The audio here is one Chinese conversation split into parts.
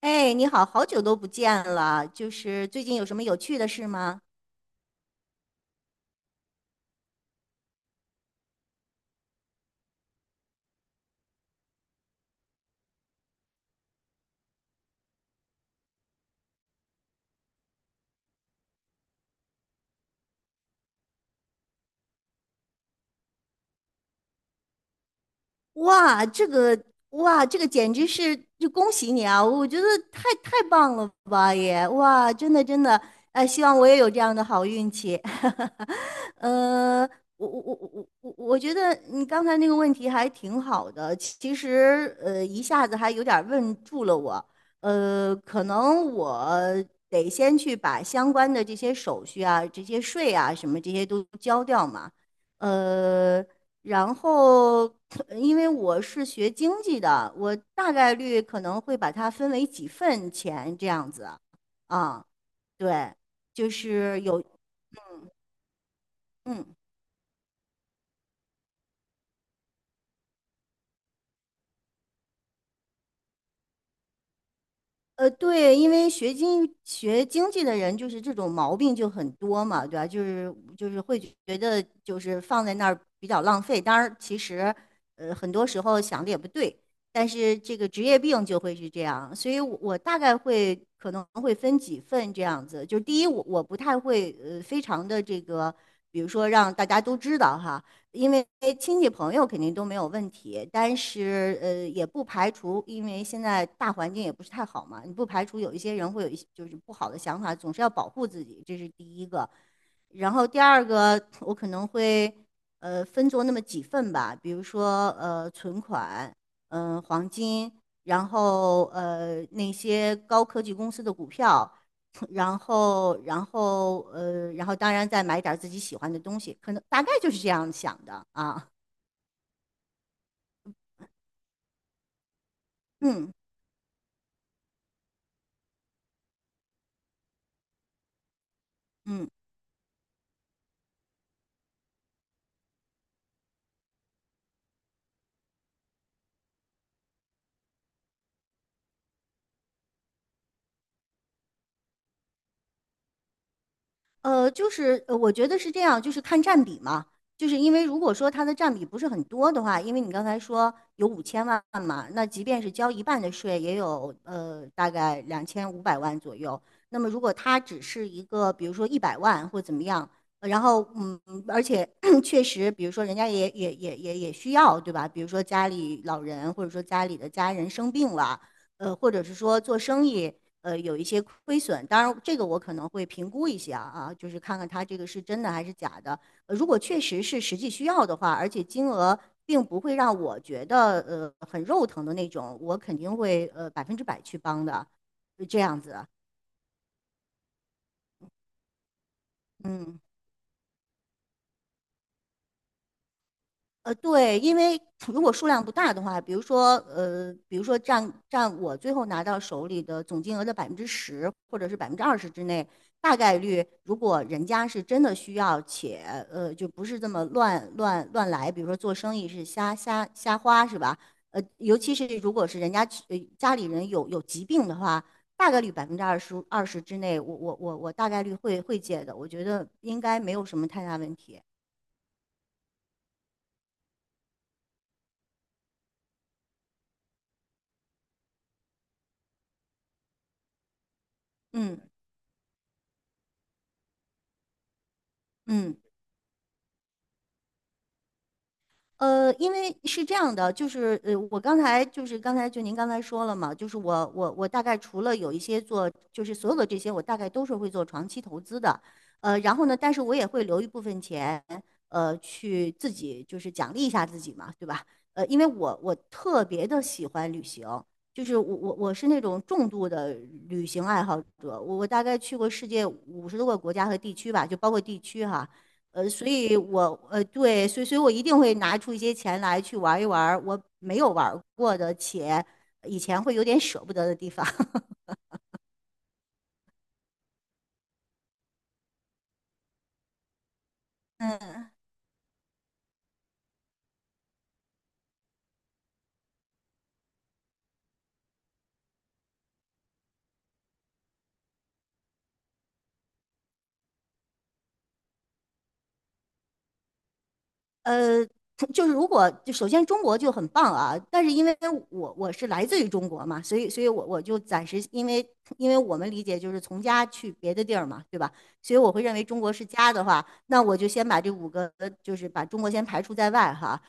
哎，你好，好久都不见了，就是最近有什么有趣的事吗？哇，这个哇，这个简直是就恭喜你啊！我觉得太棒了吧也，哇，真的真的，希望我也有这样的好运气。呃，我觉得你刚才那个问题还挺好的，其实一下子还有点儿问住了我。可能我得先去把相关的这些手续啊、这些税啊什么这些都交掉嘛。呃，然后，因为我是学经济的，我大概率可能会把它分为几份钱这样子。啊，对，就是有，嗯。对，因为学经济的人就是这种毛病就很多嘛，对吧？就是会觉得就是放在那儿比较浪费。当然，其实很多时候想的也不对，但是这个职业病就会是这样。所以我大概会可能会分几份这样子。就是第一，我不太会非常的这个，比如说让大家都知道哈，因为亲戚朋友肯定都没有问题，但是也不排除，因为现在大环境也不是太好嘛，你不排除有一些人会有一些就是不好的想法，总是要保护自己，这是第一个。然后第二个，我可能会分作那么几份吧，比如说存款，嗯、黄金，然后那些高科技公司的股票，然后当然再买点儿自己喜欢的东西，可能大概就是这样想的啊。嗯嗯就是我觉得是这样，就是看占比嘛。就是因为如果说它的占比不是很多的话，因为你刚才说有5000万嘛，那即便是交一半的税，也有大概2500万左右。那么如果它只是一个，比如说100万或怎么样，然后而且 确实，比如说人家也需要，对吧？比如说家里老人，或者说家里的家人生病了，或者是说做生意。有一些亏损。当然，这个我可能会评估一下啊，就是看看它这个是真的还是假的。如果确实是实际需要的话，而且金额并不会让我觉得很肉疼的那种，我肯定会100%去帮的，这样子。嗯。对，因为如果数量不大的话，比如说，比如说占我最后拿到手里的总金额的10%，或者是百分之二十之内，大概率如果人家是真的需要，且就不是这么乱来，比如说做生意是瞎花是吧？尤其是如果是人家家里人有疾病的话，大概率百分之二十之内，我大概率会借的，我觉得应该没有什么太大问题。嗯嗯。因为是这样的，就是我刚才就是刚才就您刚才说了嘛，就是我大概除了有一些做，就是所有的这些我大概都是会做长期投资的，然后呢，但是我也会留一部分钱，去自己就是奖励一下自己嘛，对吧？因为我特别的喜欢旅行，就是我是那种重度的旅行爱好者，我大概去过世界50多个国家和地区吧，就包括地区哈，所以我对，所以我一定会拿出一些钱来去玩一玩我没有玩过的，且以前会有点舍不得的地方。嗯呃，就是如果就首先中国就很棒啊，但是因为我是来自于中国嘛，所以我就暂时因为我们理解就是从家去别的地儿嘛，对吧？所以我会认为中国是家的话，那我就先把这五个就是把中国先排除在外哈。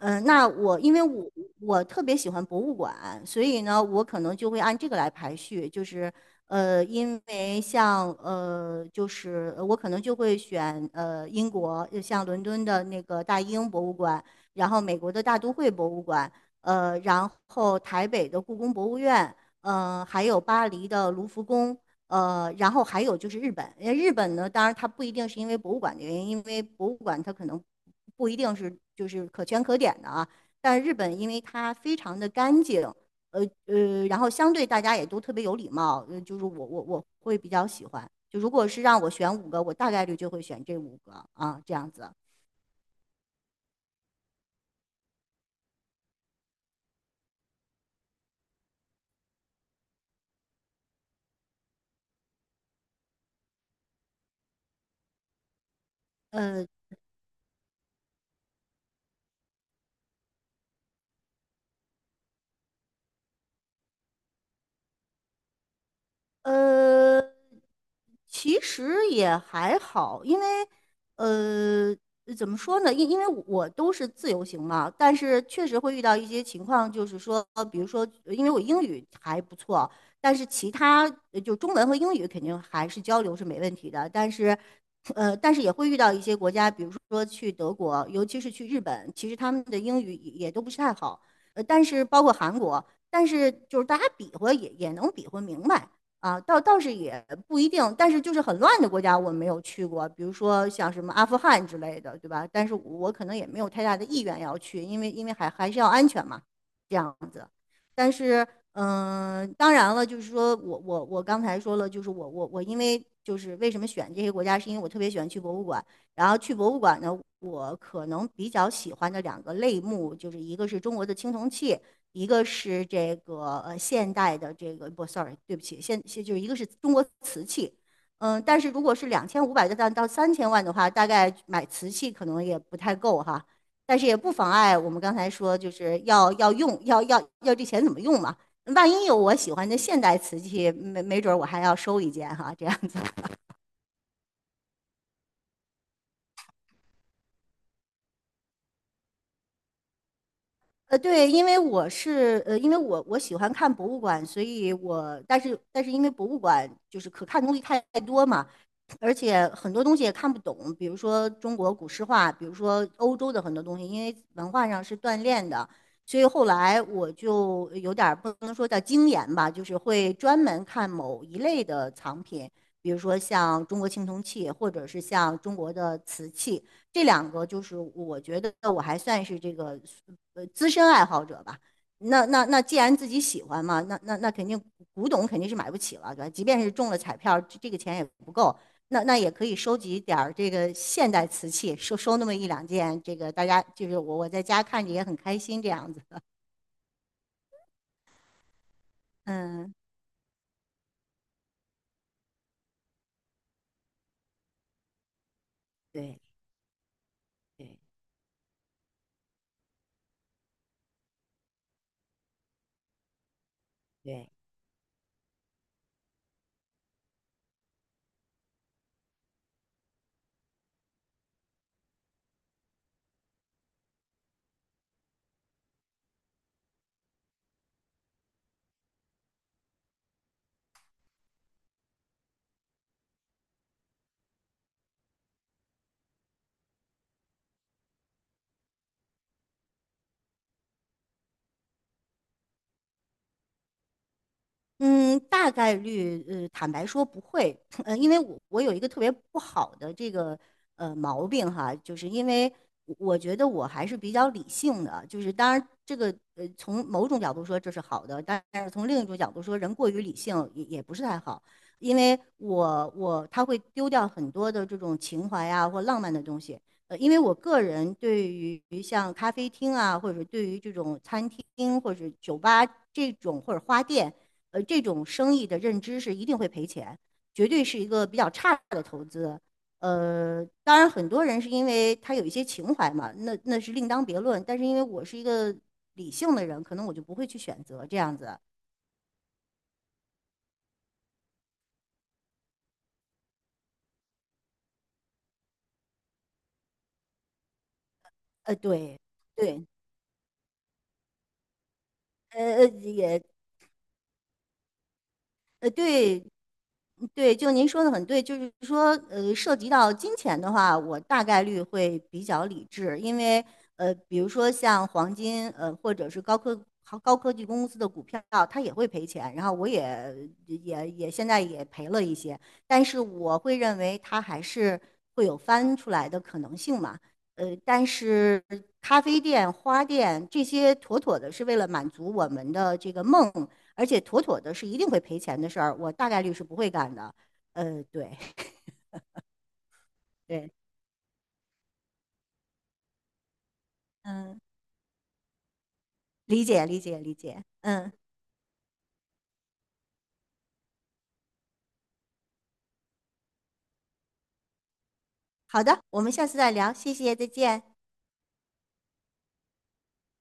嗯，那我因为我特别喜欢博物馆，所以呢，我可能就会按这个来排序，就是因为像就是我可能就会选英国，像伦敦的那个大英博物馆，然后美国的大都会博物馆，然后台北的故宫博物院，嗯、还有巴黎的卢浮宫，然后还有就是日本，为日本呢，当然它不一定是因为博物馆的原因，因为博物馆它可能不一定是就是可圈可点的啊。但日本因为它非常的干净，呃然后相对大家也都特别有礼貌，就是我会比较喜欢。就如果是让我选五个，我大概率就会选这五个啊，这样子。呃，呃，其实也还好，因为呃，怎么说呢？因为我都是自由行嘛，但是确实会遇到一些情况，就是说，比如说，因为我英语还不错，但是其他就中文和英语肯定还是交流是没问题的，但是。但是也会遇到一些国家，比如说去德国，尤其是去日本，其实他们的英语也都不是太好。但是包括韩国，但是就是大家比划也能比划明白。啊，倒是也不一定，但是就是很乱的国家我没有去过，比如说像什么阿富汗之类的，对吧？但是我可能也没有太大的意愿要去，因为还是要安全嘛，这样子。但是，嗯，当然了，就是说我刚才说了，就是我因为就是为什么选这些国家，是因为我特别喜欢去博物馆，然后去博物馆呢，我可能比较喜欢的两个类目，就是一个是中国的青铜器。一个是这个现代的这个不，sorry，对不起，就是一个是中国瓷器，嗯，但是如果是两千五百个蛋到3000万的话，大概买瓷器可能也不太够哈，但是也不妨碍我们刚才说就是要这钱怎么用嘛，万一有我喜欢的现代瓷器，没准我还要收一件哈，这样。对，因为我是因为我喜欢看博物馆，所以我但是因为博物馆就是可看东西太多嘛，而且很多东西也看不懂，比如说中国古诗画，比如说欧洲的很多东西，因为文化上是锻炼的，所以后来我就有点儿不能说叫精研吧，就是会专门看某一类的藏品，比如说像中国青铜器，或者是像中国的瓷器。这两个就是我觉得我还算是这个资深爱好者吧。那既然自己喜欢嘛，那肯定古董肯定是买不起了，对吧？即便是中了彩票，这个钱也不够。那也可以收集点儿这个现代瓷器，收那么一两件，这个大家就是我在家看着也很开心这样子。嗯，对对对。嗯，大概率，坦白说不会，因为我有一个特别不好的这个毛病哈，就是因为我觉得我还是比较理性的，就是当然这个从某种角度说这是好的，但是从另一种角度说，人过于理性也不是太好，因为他会丢掉很多的这种情怀啊或浪漫的东西，因为我个人对于像咖啡厅啊，或者对于这种餐厅或者酒吧这种或者花店。这种生意的认知是一定会赔钱，绝对是一个比较差的投资。当然很多人是因为他有一些情怀嘛，那是另当别论。但是因为我是一个理性的人，可能我就不会去选择这样子。对，对，呃呃，也对，对，就您说的很对，就是说，涉及到金钱的话，我大概率会比较理智，因为，比如说像黄金，或者是高科技公司的股票，它也会赔钱，然后我也也也现在也赔了一些，但是我会认为它还是会有翻出来的可能性嘛，但是咖啡店、花店这些妥妥的是为了满足我们的这个梦。而且妥妥的是一定会赔钱的事儿，我大概率是不会干的。对对，嗯，理解理解理解，嗯，好的，我们下次再聊，谢谢，再见。